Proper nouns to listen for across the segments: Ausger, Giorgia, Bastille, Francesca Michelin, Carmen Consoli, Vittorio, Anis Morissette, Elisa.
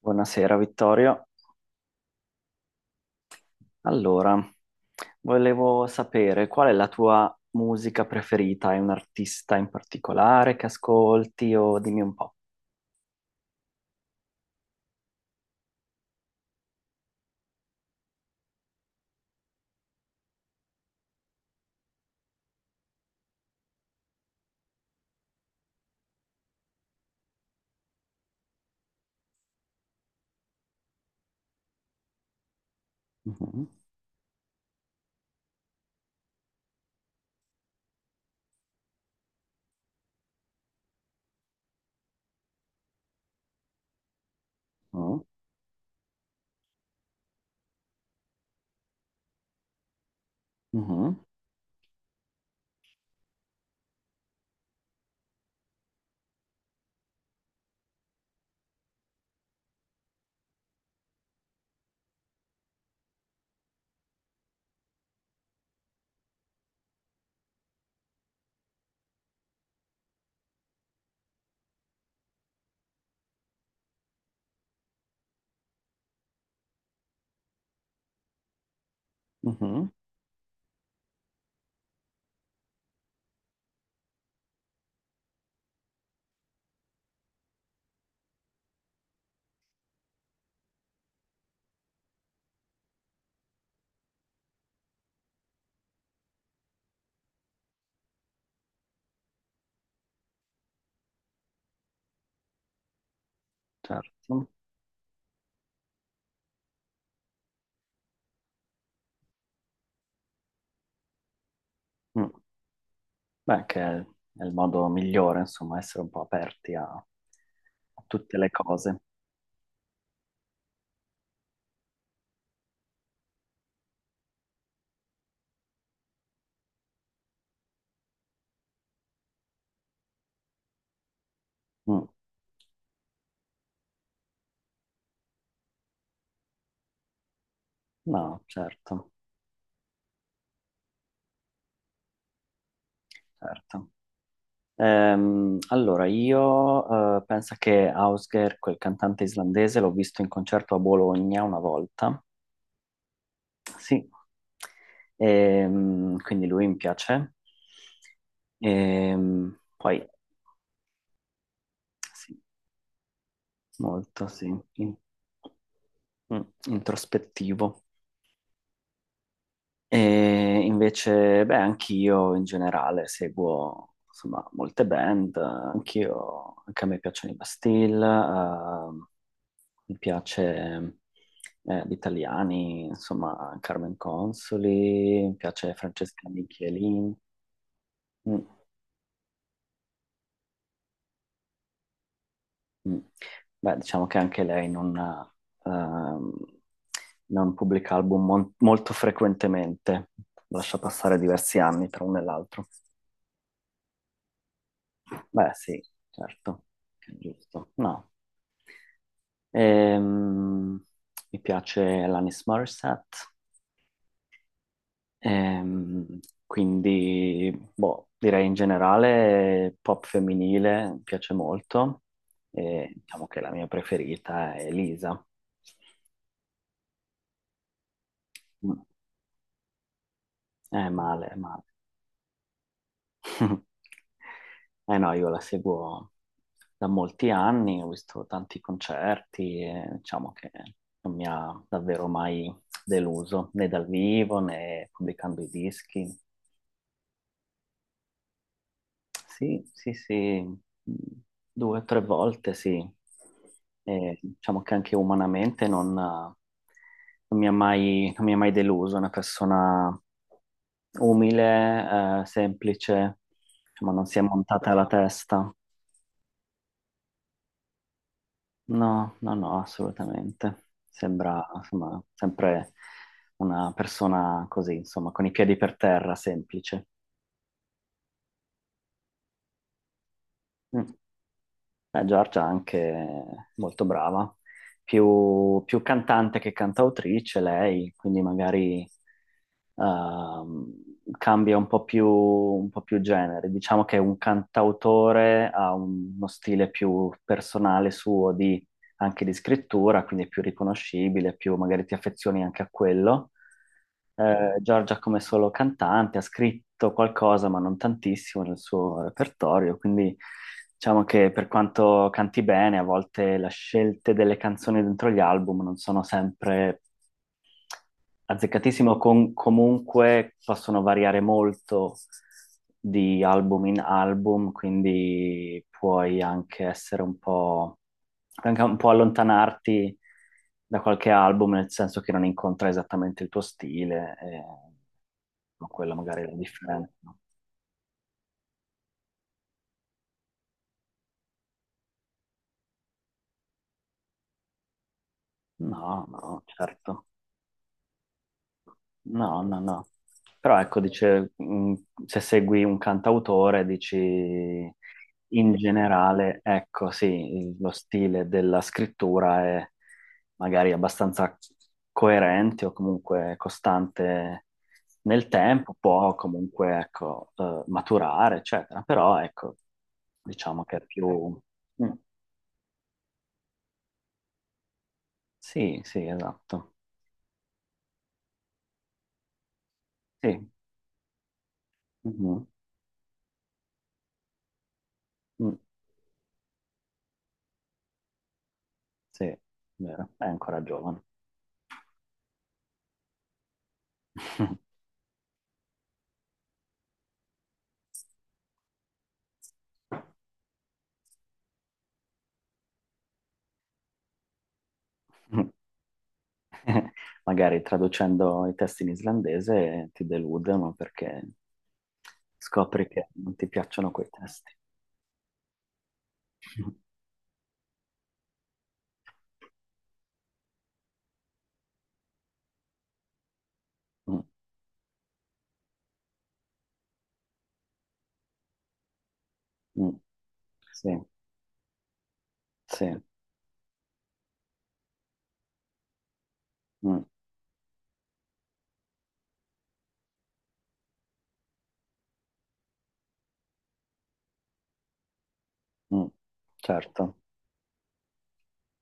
Buonasera Vittorio. Allora, volevo sapere qual è la tua musica preferita? Hai un artista in particolare che ascolti o dimmi un po'. Mhm, mhm, mhm, mhm, certo. Mm. Beh, che è il modo migliore, insomma, essere un po' aperti a, a tutte le cose. Mm. No, certo, certo. Allora, io penso che Ausger, quel cantante islandese, l'ho visto in concerto a Bologna una volta. Sì. Quindi lui mi piace. Ehm, poi, sì, molto, sì, in- mm, introspettivo. E invece, beh, anch'io in generale seguo insomma, molte band, anch'io, anche a me piacciono i Bastille, mi piace gli italiani, insomma, Carmen Consoli, mi piace Francesca Michelin. Mm, mm. Beh, diciamo che anche lei ehm, non pubblica album molto frequentemente, lascia passare diversi anni tra uno e l'altro. Beh, sì, certo, è giusto. No. Ehm, mi piace l'Anis Morissette. Ehm, quindi, boh, direi in generale pop femminile mi piace molto e diciamo che la mia preferita è Elisa. Mm, è male, è male. Eh no, io la seguo da molti anni, ho visto tanti concerti e diciamo che non mi ha davvero mai deluso, né dal vivo né pubblicando i dischi. Sì, sì, sì, due o tre volte sì. E diciamo che anche umanamente non mi ha mai, non mi ha mai deluso, è una persona umile, semplice, ma non si è montata la testa. No, no, no, assolutamente. Sembra, insomma, sempre una persona così, insomma, con i piedi per terra, semplice. Mm. Giorgia è anche molto brava, più, più cantante che cantautrice lei, quindi magari ehm, cambia un po' più genere. Diciamo che un cantautore ha uno stile più personale suo anche di scrittura, quindi è più riconoscibile, più magari ti affezioni anche a quello. Giorgia come solo cantante ha scritto qualcosa, ma non tantissimo nel suo repertorio, quindi diciamo che per quanto canti bene, a volte le scelte delle canzoni dentro gli album non sono sempre azzeccatissimo, comunque possono variare molto di album in album, quindi puoi anche essere un po', anche un po' allontanarti da qualche album, nel senso che non incontra esattamente il tuo stile, e... ma quella magari è la differenza. No, no, certo. No, no, no. Però ecco, dice, se segui un cantautore, dici in generale, ecco, sì, lo stile della scrittura è magari abbastanza coerente o comunque costante nel tempo, può comunque, ecco, maturare, eccetera. Però, ecco, diciamo che è più... Mm. Sì, sì, esatto. Sì, mhm, mm, sì, è vero, è ancora giovane. Magari traducendo i testi in islandese ti delude, ma perché scopri che non ti piacciono quei testi. Mm, mm. Sì, sì, mm, mm. Certo.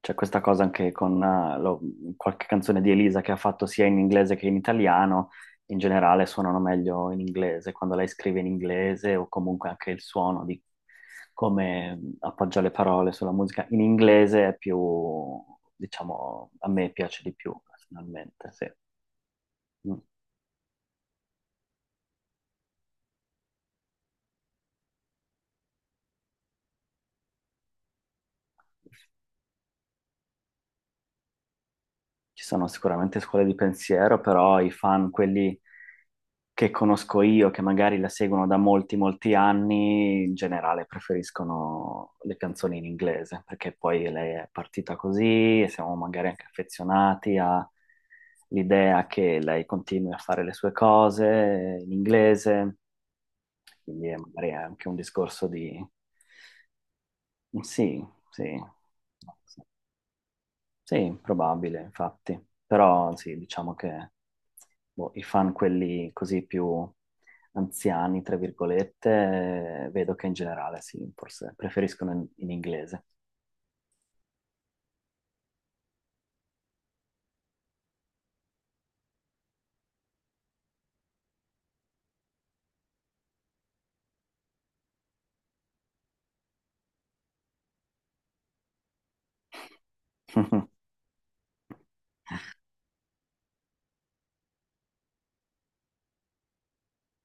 C'è questa cosa anche con qualche canzone di Elisa che ha fatto sia in inglese che in italiano. In generale suonano meglio in inglese quando lei scrive in inglese o comunque anche il suono di come appoggia le parole sulla musica in inglese è più, diciamo, a me piace di più personalmente, sì. Mm. Ci sono sicuramente scuole di pensiero, però i fan, quelli che conosco io, che magari la seguono da molti, molti anni, in generale preferiscono le canzoni in inglese, perché poi lei è partita così e siamo magari anche affezionati all'idea che lei continui a fare le sue cose in inglese, quindi è magari anche un discorso di... Sì, sì. Sì, probabile, infatti. Però sì, diciamo che boh, i fan, quelli così più anziani, tra virgolette, vedo che in generale sì, forse preferiscono in inglese.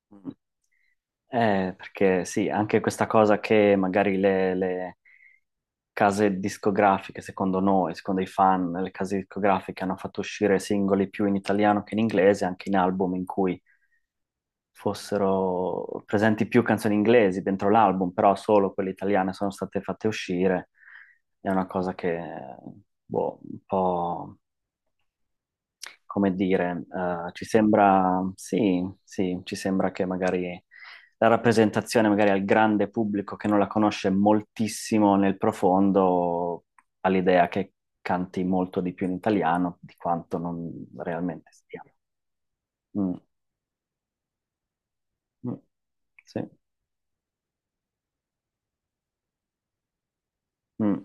Perché sì, anche questa cosa che magari le case discografiche, secondo noi, secondo i fan, le case discografiche hanno fatto uscire singoli più in italiano che in inglese, anche in album in cui fossero presenti più canzoni inglesi dentro l'album, però solo quelle italiane sono state fatte uscire. È una cosa che, boh, un po', come dire, ci sembra, sì, sì, ci sembra che magari la rappresentazione magari al grande pubblico che non la conosce moltissimo nel profondo ha l'idea che canti molto di più in italiano di quanto non realmente stia. Mm, mm, sì. Mm.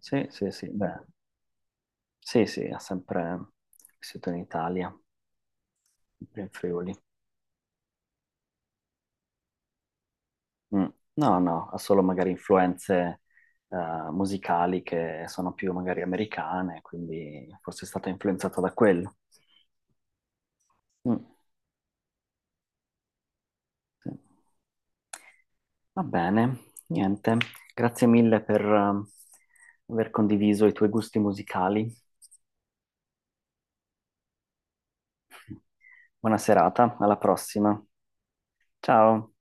Sì, sì, sì, beh, sì, sì, ha sempre vissuto in Italia, sempre in Friuli. Mm. No, no, ha solo magari influenze musicali che sono più magari americane, quindi forse è stato influenzato da quello. Mm, sì. Va bene, niente, grazie mille per aver condiviso i tuoi gusti musicali. Buona serata, alla prossima. Ciao.